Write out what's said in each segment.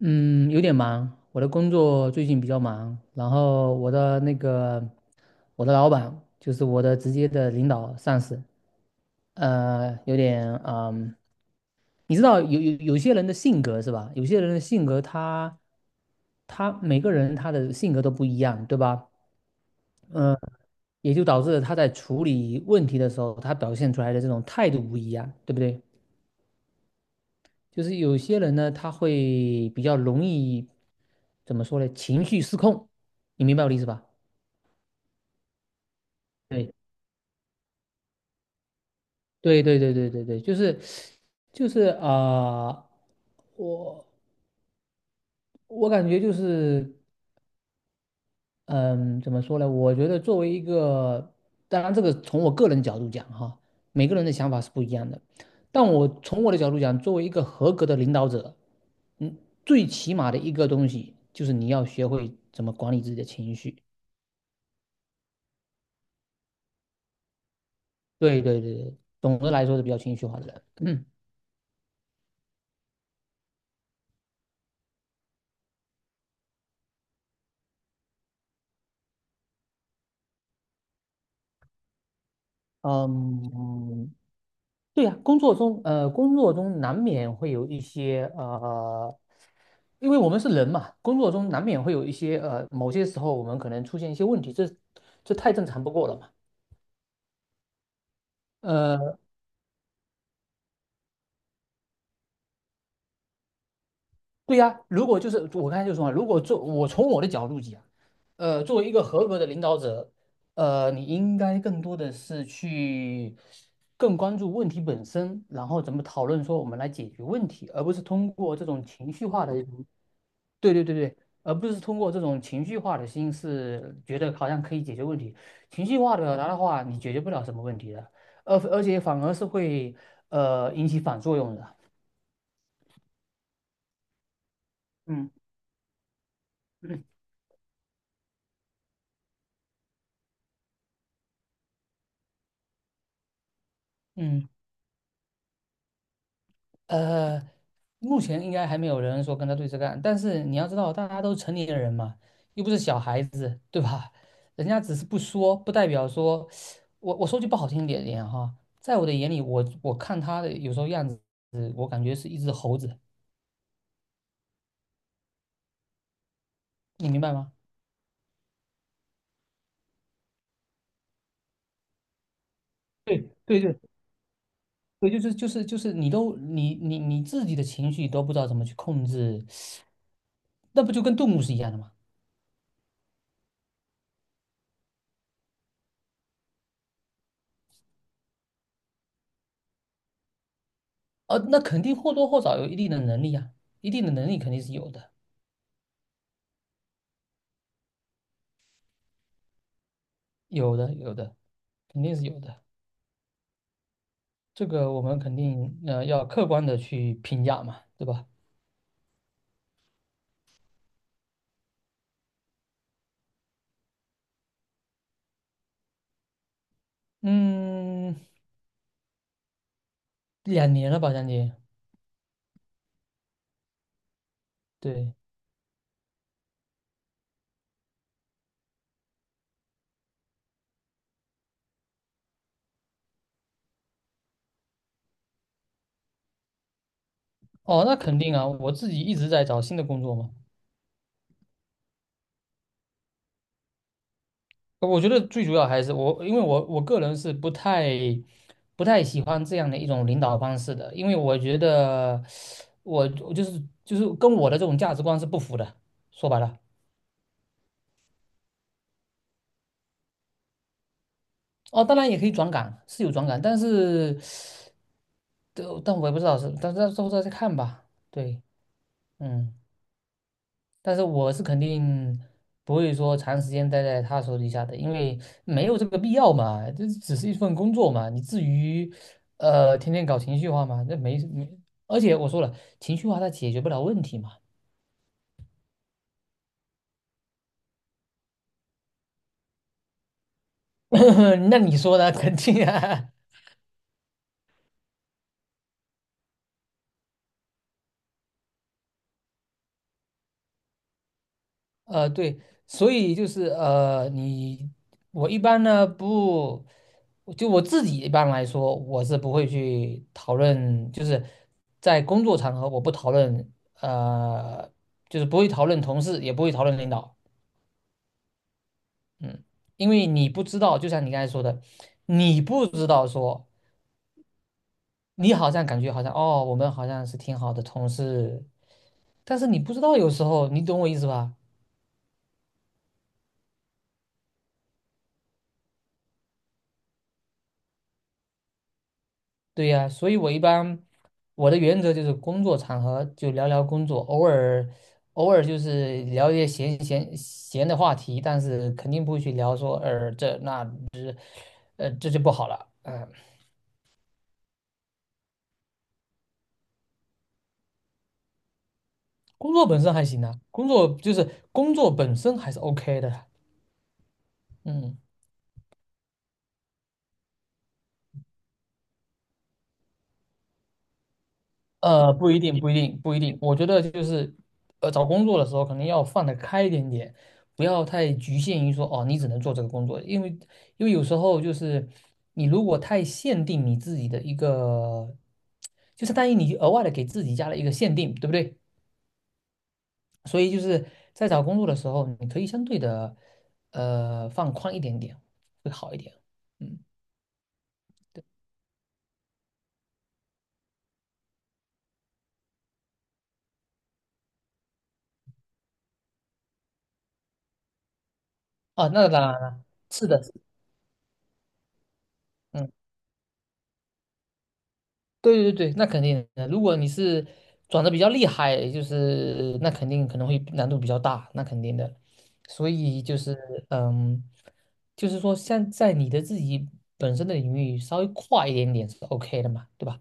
嗯，有点忙，我的工作最近比较忙，然后我的老板就是我的直接的领导上司，有点你知道有些人的性格是吧？有些人的性格他每个人他的性格都不一样，对吧？嗯，也就导致了他在处理问题的时候，他表现出来的这种态度不一样，对不对？就是有些人呢，他会比较容易，怎么说呢？情绪失控，你明白我的意思吧？对，对，对，对，对，对，对，就是，就是啊、我我感觉就是，嗯，怎么说呢？我觉得作为一个，当然这个从我个人角度讲哈，每个人的想法是不一样的，但我从我的角度讲，作为一个合格的领导者，嗯，最起码的一个东西就是你要学会怎么管理自己的情绪。对对对对，总的来说是比较情绪化的人。嗯嗯，对呀、工作中工作中难免会有一些因为我们是人嘛，工作中难免会有一些某些时候我们可能出现一些问题，这太正常不过了嘛。呃，对呀、如果就是我刚才就说嘛，如果做我从我的角度讲，作为一个合格的领导者，你应该更多的是去更关注问题本身，然后怎么讨论说我们来解决问题，而不是通过这种情绪化的一种对对对对，而不是通过这种情绪化的心思，觉得好像可以解决问题。情绪化的表达的话，你解决不了什么问题的，而且反而是会引起反作用的。嗯嗯。嗯呃，目前应该还没有人说跟他对着干，但是你要知道，大家都是成年人嘛，又不是小孩子，对吧？人家只是不说，不代表说，我说句不好听点点哈，在我的眼里，我看他的有时候样子，我感觉是一只猴子，你明白吗？对对对对，就是就是就是，你都你你你自己的情绪都不知道怎么去控制，那不就跟动物是一样的吗？那肯定或多或少有一定的能力啊，一定的能力肯定是有的。有的，有的，肯定是有的。这个我们肯定要客观的去评价嘛，对吧？嗯，两年了吧，将近。对，哦，那肯定啊，我自己一直在找新的工作嘛。我觉得最主要还是我，因为我个人是不太喜欢这样的一种领导方式的，因为我觉得我就是跟我的这种价值观是不符的。说白了，哦，当然也可以转岗，是有转岗，但是我也不知道是，但是到时候再看吧。对。嗯，但是我是肯定不会说长时间待在他手底下的，因为没有这个必要嘛，这只是一份工作嘛，你至于天天搞情绪化嘛，那没没，而且我说了，情绪化它解决不了问题嘛，那你说呢？肯定啊，对，所以就是你我一般呢不，就我自己一般来说，我是不会去讨论，就是在工作场合我不讨论，呃，就是不会讨论同事，也不会讨论领导，嗯，因为你不知道，就像你刚才说的，你不知道说你好像感觉好像哦，我们好像是挺好的同事，但是你不知道有时候，你懂我意思吧？对呀，所以我一般。我的原则就是工作场合就聊聊工作，偶尔就是聊一些闲的话题，但是肯定不会去聊说，这那这就不好了。嗯、工作本身还行啊，工作就是工作本身还是 OK 的。嗯。不一定，不一定，不一定。我觉得就是，找工作的时候可能要放得开一点点，不要太局限于说哦，你只能做这个工作，因为有时候就是你如果太限定你自己的一个，就相当于你额外的给自己加了一个限定，对不对？所以就是在找工作的时候，你可以相对的放宽一点点，会好一点。嗯，哦，那当然了，是的，嗯。对对对，那肯定的。如果你是转的比较厉害，就是那肯定可能会难度比较大，那肯定的。所以就是嗯，就是说像在你的自己本身的领域稍微快一点点是 OK 的嘛，对吧？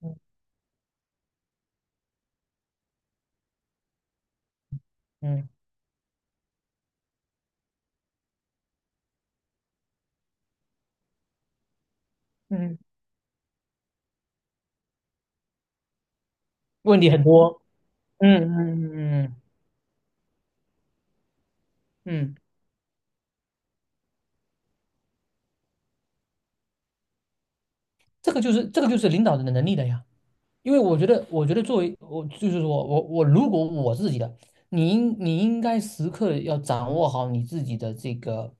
嗯嗯嗯，问题很多。嗯嗯嗯嗯，这个就是领导的能力的呀。因为我觉得，作为我就是我我我，如果我自己的，你应该时刻要掌握好你自己的这个，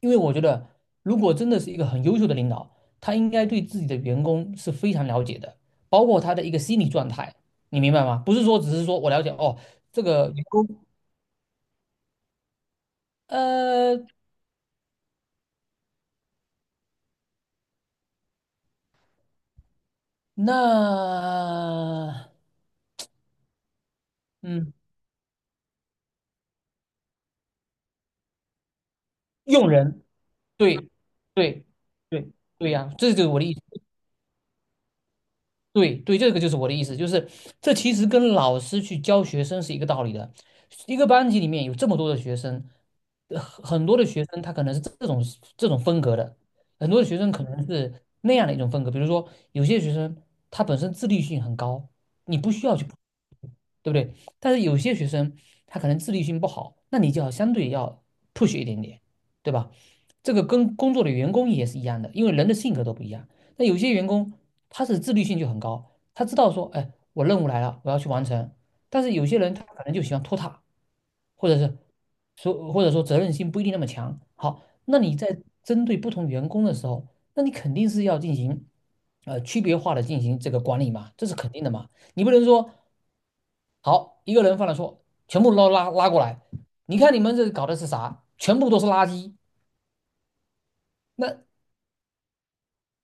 因为我觉得，如果真的是一个很优秀的领导，他应该对自己的员工是非常了解的，包括他的一个心理状态，你明白吗？不是说只是说我了解哦，这个员工，呃，那嗯，用人，对，对，对，对呀，这就是我的意思。对对，这个就是我的意思，就是这其实跟老师去教学生是一个道理的。一个班级里面有这么多的学生，很多的学生他可能是这种风格的，很多的学生可能是那样的一种风格。比如说，有些学生他本身自律性很高，你不需要去，对不对？但是有些学生他可能自律性不好，那你就要相对要 push 一点点，对吧？这个跟工作的员工也是一样的，因为人的性格都不一样。那有些员工他是自律性就很高，他知道说，哎，我任务来了，我要去完成。但是有些人他可能就喜欢拖沓，或者是或者说责任心不一定那么强。好，那你在针对不同员工的时候，那你肯定是要进行区别化的进行这个管理嘛，这是肯定的嘛。你不能说好一个人犯了错，全部捞拉拉过来，你看你们这搞的是啥？全部都是垃圾。那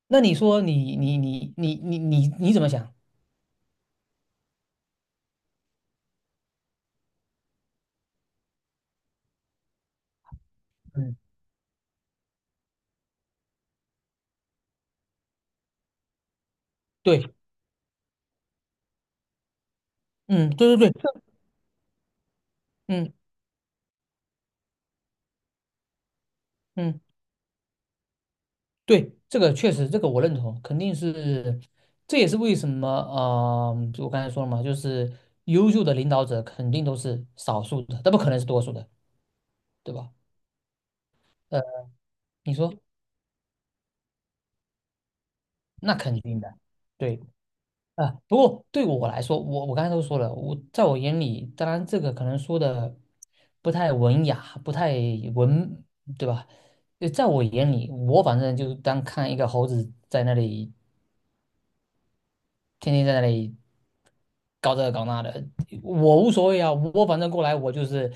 你说你怎么想？嗯。对。嗯，对对对，嗯嗯，对，这个确实，这个我认同，肯定是，这也是为什么，就我刚才说了嘛，就是优秀的领导者肯定都是少数的，那不可能是多数的，对吧？呃，你说那肯定的，对啊，不过对我来说，我刚才都说了，我在我眼里，当然这个可能说的不太文雅，不太文，对吧？在我眼里，我反正就是当看一个猴子在那里。天天在那里搞这个搞那的，我无所谓啊，我反正过来我就是，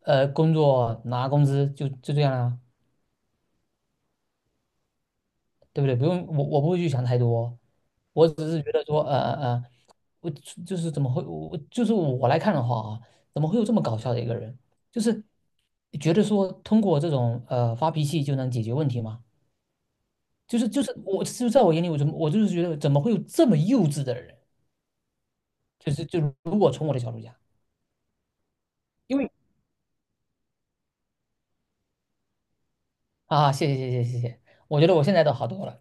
工作拿工资就这样啊，对不对？不用我不会去想太多，我只是觉得说，我就是怎么会我就是我来看的话啊，怎么会有这么搞笑的一个人？就是觉得说通过这种发脾气就能解决问题吗？就是我就在我眼里，我怎么我就是觉得怎么会有这么幼稚的人？就如果从我的角度讲。因为。啊，谢谢谢谢谢谢，我觉得我现在都好多了。